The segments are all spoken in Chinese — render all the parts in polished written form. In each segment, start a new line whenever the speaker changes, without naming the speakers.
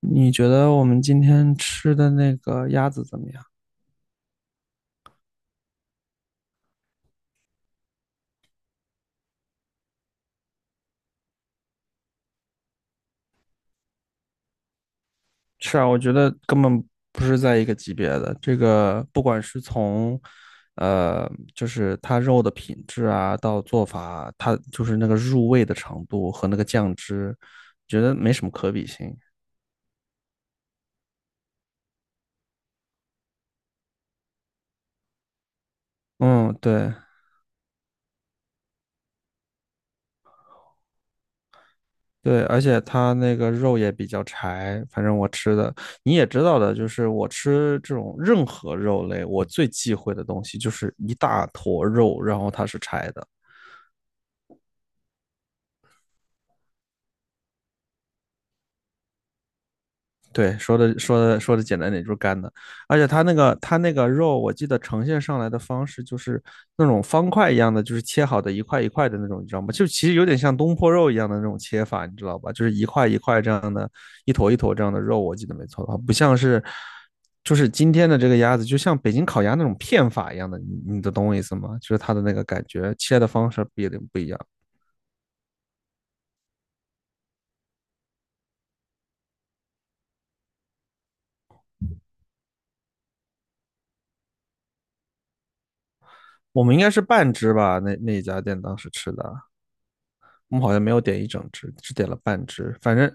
你觉得我们今天吃的那个鸭子怎么样？是啊，我觉得根本不是在一个级别的。这个不管是从，就是它肉的品质啊，到做法，它就是那个入味的程度和那个酱汁，觉得没什么可比性。嗯，对对，而且它那个肉也比较柴，反正我吃的你也知道的，就是我吃这种任何肉类，我最忌讳的东西就是一大坨肉，然后它是柴的。对，说的简单点就是干的，而且它那个肉，我记得呈现上来的方式就是那种方块一样的，就是切好的一块一块的那种，你知道吗？就其实有点像东坡肉一样的那种切法，你知道吧？就是一块一块这样的，一坨一坨这样的肉，我记得没错的话，不像是就是今天的这个鸭子，就像北京烤鸭那种片法一样的，你懂我意思吗？就是它的那个感觉，切的方式不一定不一样。我们应该是半只吧，那一家店当时吃的，我们好像没有点一整只，只点了半只，反正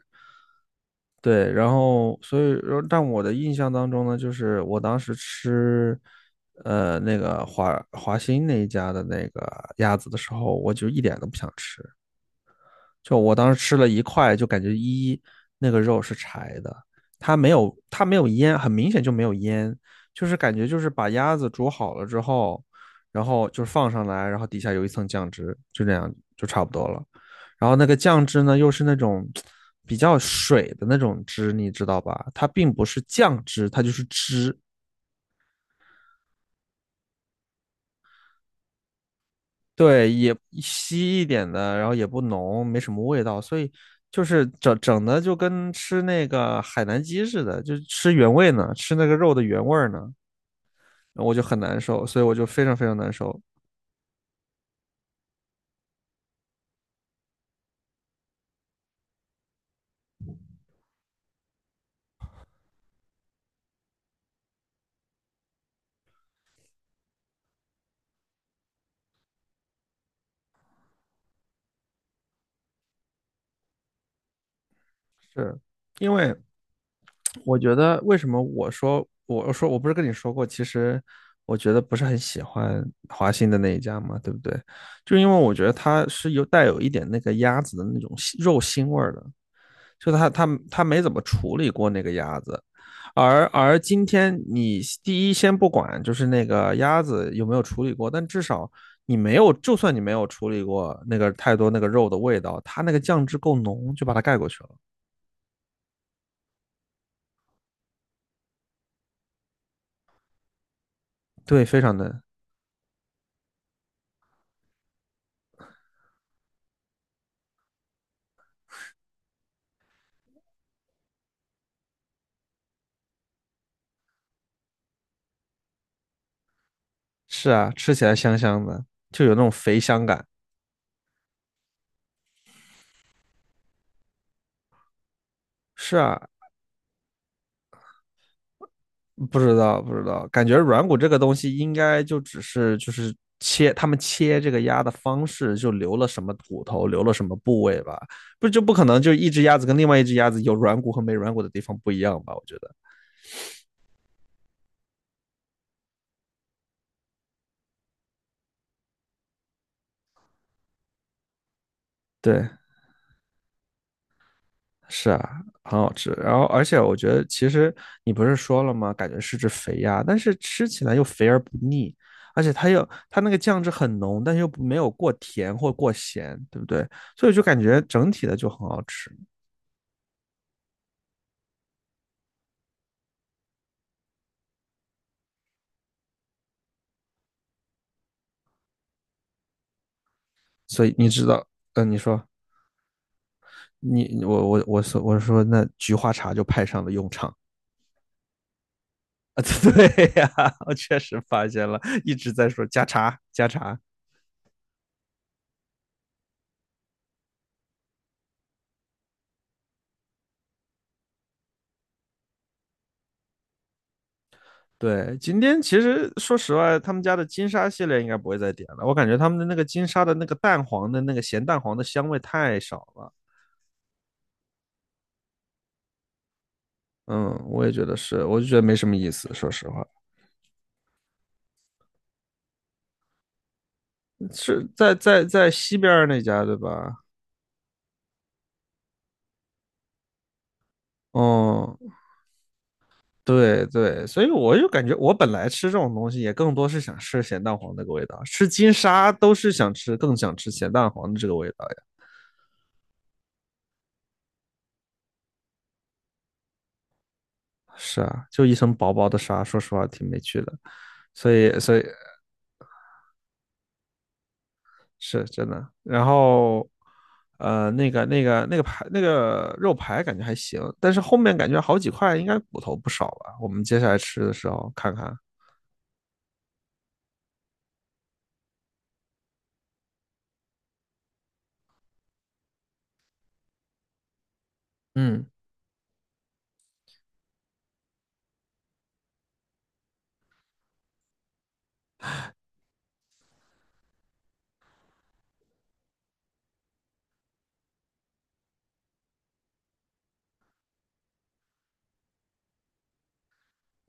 对，然后所以，但我的印象当中呢，就是我当时吃，那个华兴那一家的那个鸭子的时候，我就一点都不想吃，就我当时吃了一块，就感觉一那个肉是柴的，它没有腌，很明显就没有腌，就是感觉就是把鸭子煮好了之后，然后就是放上来，然后底下有一层酱汁，就这样就差不多了。然后那个酱汁呢，又是那种比较水的那种汁，你知道吧？它并不是酱汁，它就是汁，对，也稀一点的，然后也不浓，没什么味道，所以就是整整的就跟吃那个海南鸡似的，就是吃原味呢，吃那个肉的原味儿呢，我就很难受，所以我就非常非常难受。是因为我觉得为什么我说我不是跟你说过，其实我觉得不是很喜欢华兴的那一家嘛，对不对？就因为我觉得它是有带有一点那个鸭子的那种腥肉腥味儿的。就他没怎么处理过那个鸭子，而今天你第一先不管就是那个鸭子有没有处理过，但至少你没有，就算你没有处理过那个太多那个肉的味道，它那个酱汁够浓，就把它盖过去了。对，非常嫩。是啊，吃起来香香的，就有那种肥香感。是啊，不知道，不知道，感觉软骨这个东西应该就只是就是切，他们切这个鸭的方式就留了什么骨头，留了什么部位吧，不就不可能就一只鸭子跟另外一只鸭子有软骨和没软骨的地方不一样吧？我觉得，对，是啊，很好吃。然后，而且我觉得其实你不是说了吗？感觉是只肥鸭，但是吃起来又肥而不腻，而且它又它那个酱汁很浓，但又没有过甜或过咸，对不对？所以就感觉整体的就很好吃。所以你知道，你说你我我我说我说那菊花茶就派上了用场啊，对呀、啊我确实发现了，一直在说加茶加茶。对，今天其实说实话，他们家的金沙系列应该不会再点了，我感觉他们的那个金沙的那个蛋黄的那个咸蛋黄的香味太少了。嗯，我也觉得是，我就觉得没什么意思，说实话，是在西边那家对吧？哦、对对，所以我就感觉我本来吃这种东西也更多是想吃咸蛋黄那个味道，吃金沙都是想吃，更想吃咸蛋黄的这个味道呀。是啊，就一层薄薄的沙，说实话挺没趣的。所以是真的。然后那个那个那个排那个肉排感觉还行，但是后面感觉好几块应该骨头不少吧。我们接下来吃的时候看看，嗯。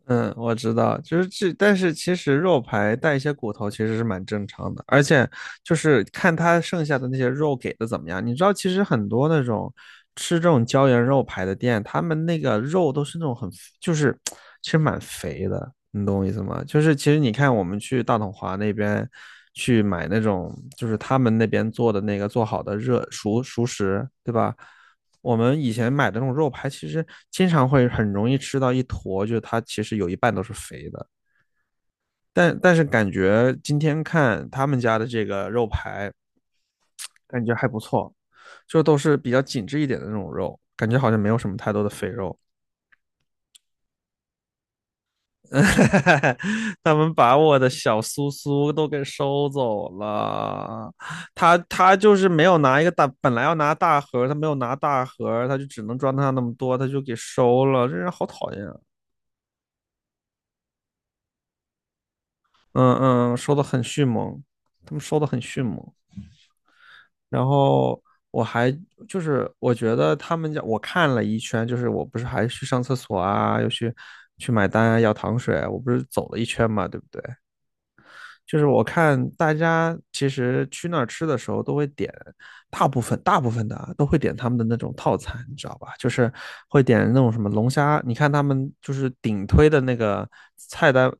嗯，我知道，就是这，但是其实肉排带一些骨头其实是蛮正常的，而且就是看它剩下的那些肉给的怎么样。你知道，其实很多那种吃这种椒盐肉排的店，他们那个肉都是那种很，就是其实蛮肥的，你懂我意思吗？就是其实你看我们去大统华那边去买那种，就是他们那边做的那个做好的热熟食，对吧？我们以前买的那种肉排，其实经常会很容易吃到一坨，就是它其实有一半都是肥的。但是感觉今天看他们家的这个肉排，感觉还不错，就都是比较紧致一点的那种肉，感觉好像没有什么太多的肥肉。他们把我的小苏苏都给收走了，他就是没有拿一个大，本来要拿大盒他没有拿大盒他就只能装他那么多，他就给收了，这人好讨厌啊！嗯嗯，收的很迅猛，他们收的很迅猛。然后我还就是我觉得他们家我看了一圈，就是我不是还去上厕所啊，去买单啊，要糖水啊，我不是走了一圈嘛，对不对？就是我看大家其实去那儿吃的时候都会点，大部分的啊都会点他们的那种套餐，你知道吧？就是会点那种什么龙虾，你看他们就是顶推的那个菜单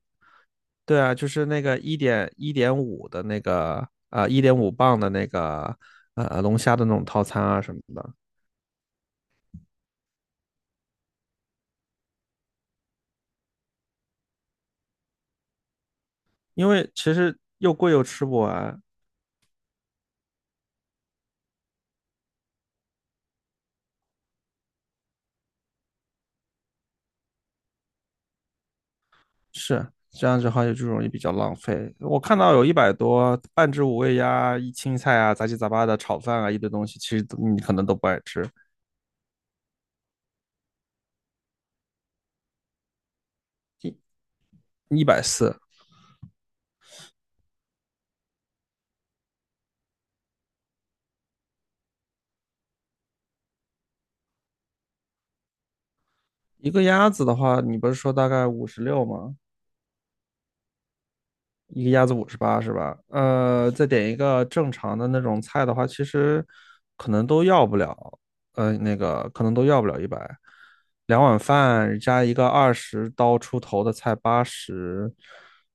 对啊，就是那个一点五的那个啊，1.5磅的那个龙虾的那种套餐啊什么的，因为其实又贵又吃不完，是这样子的话就容易比较浪费。我看到有100多半只五味鸭、一青菜啊、杂七杂八的炒饭啊一堆东西，其实都你可能都不爱吃。一百四一个鸭子的话，你不是说大概56吗？一个鸭子58是吧？再点一个正常的那种菜的话，其实可能都要不了，那个可能都要不了一百。两碗饭加一个20刀出头的菜八十，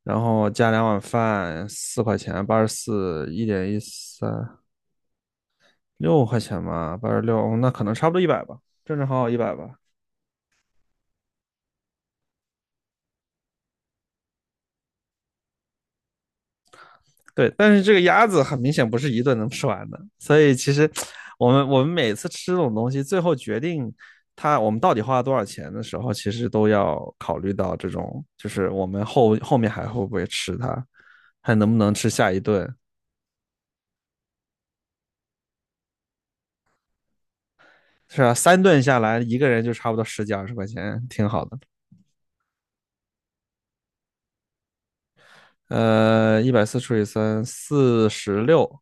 然后加两碗饭4块钱，84，1.13，6块钱吧，86，哦那可能差不多一百吧，正正好好一百吧。对，但是这个鸭子很明显不是一顿能吃完的，所以其实我们每次吃这种东西，最后决定它我们到底花了多少钱的时候，其实都要考虑到这种，就是我们后面还会不会吃它，还能不能吃下一顿，是啊，三顿下来，一个人就差不多十几20块钱，挺好的。140除以3，46，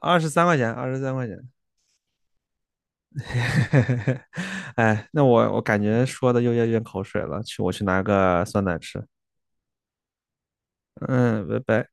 二十三块钱，二十三块钱。哎，那我感觉说的又要咽口水了，去我去拿个酸奶吃。嗯，拜拜。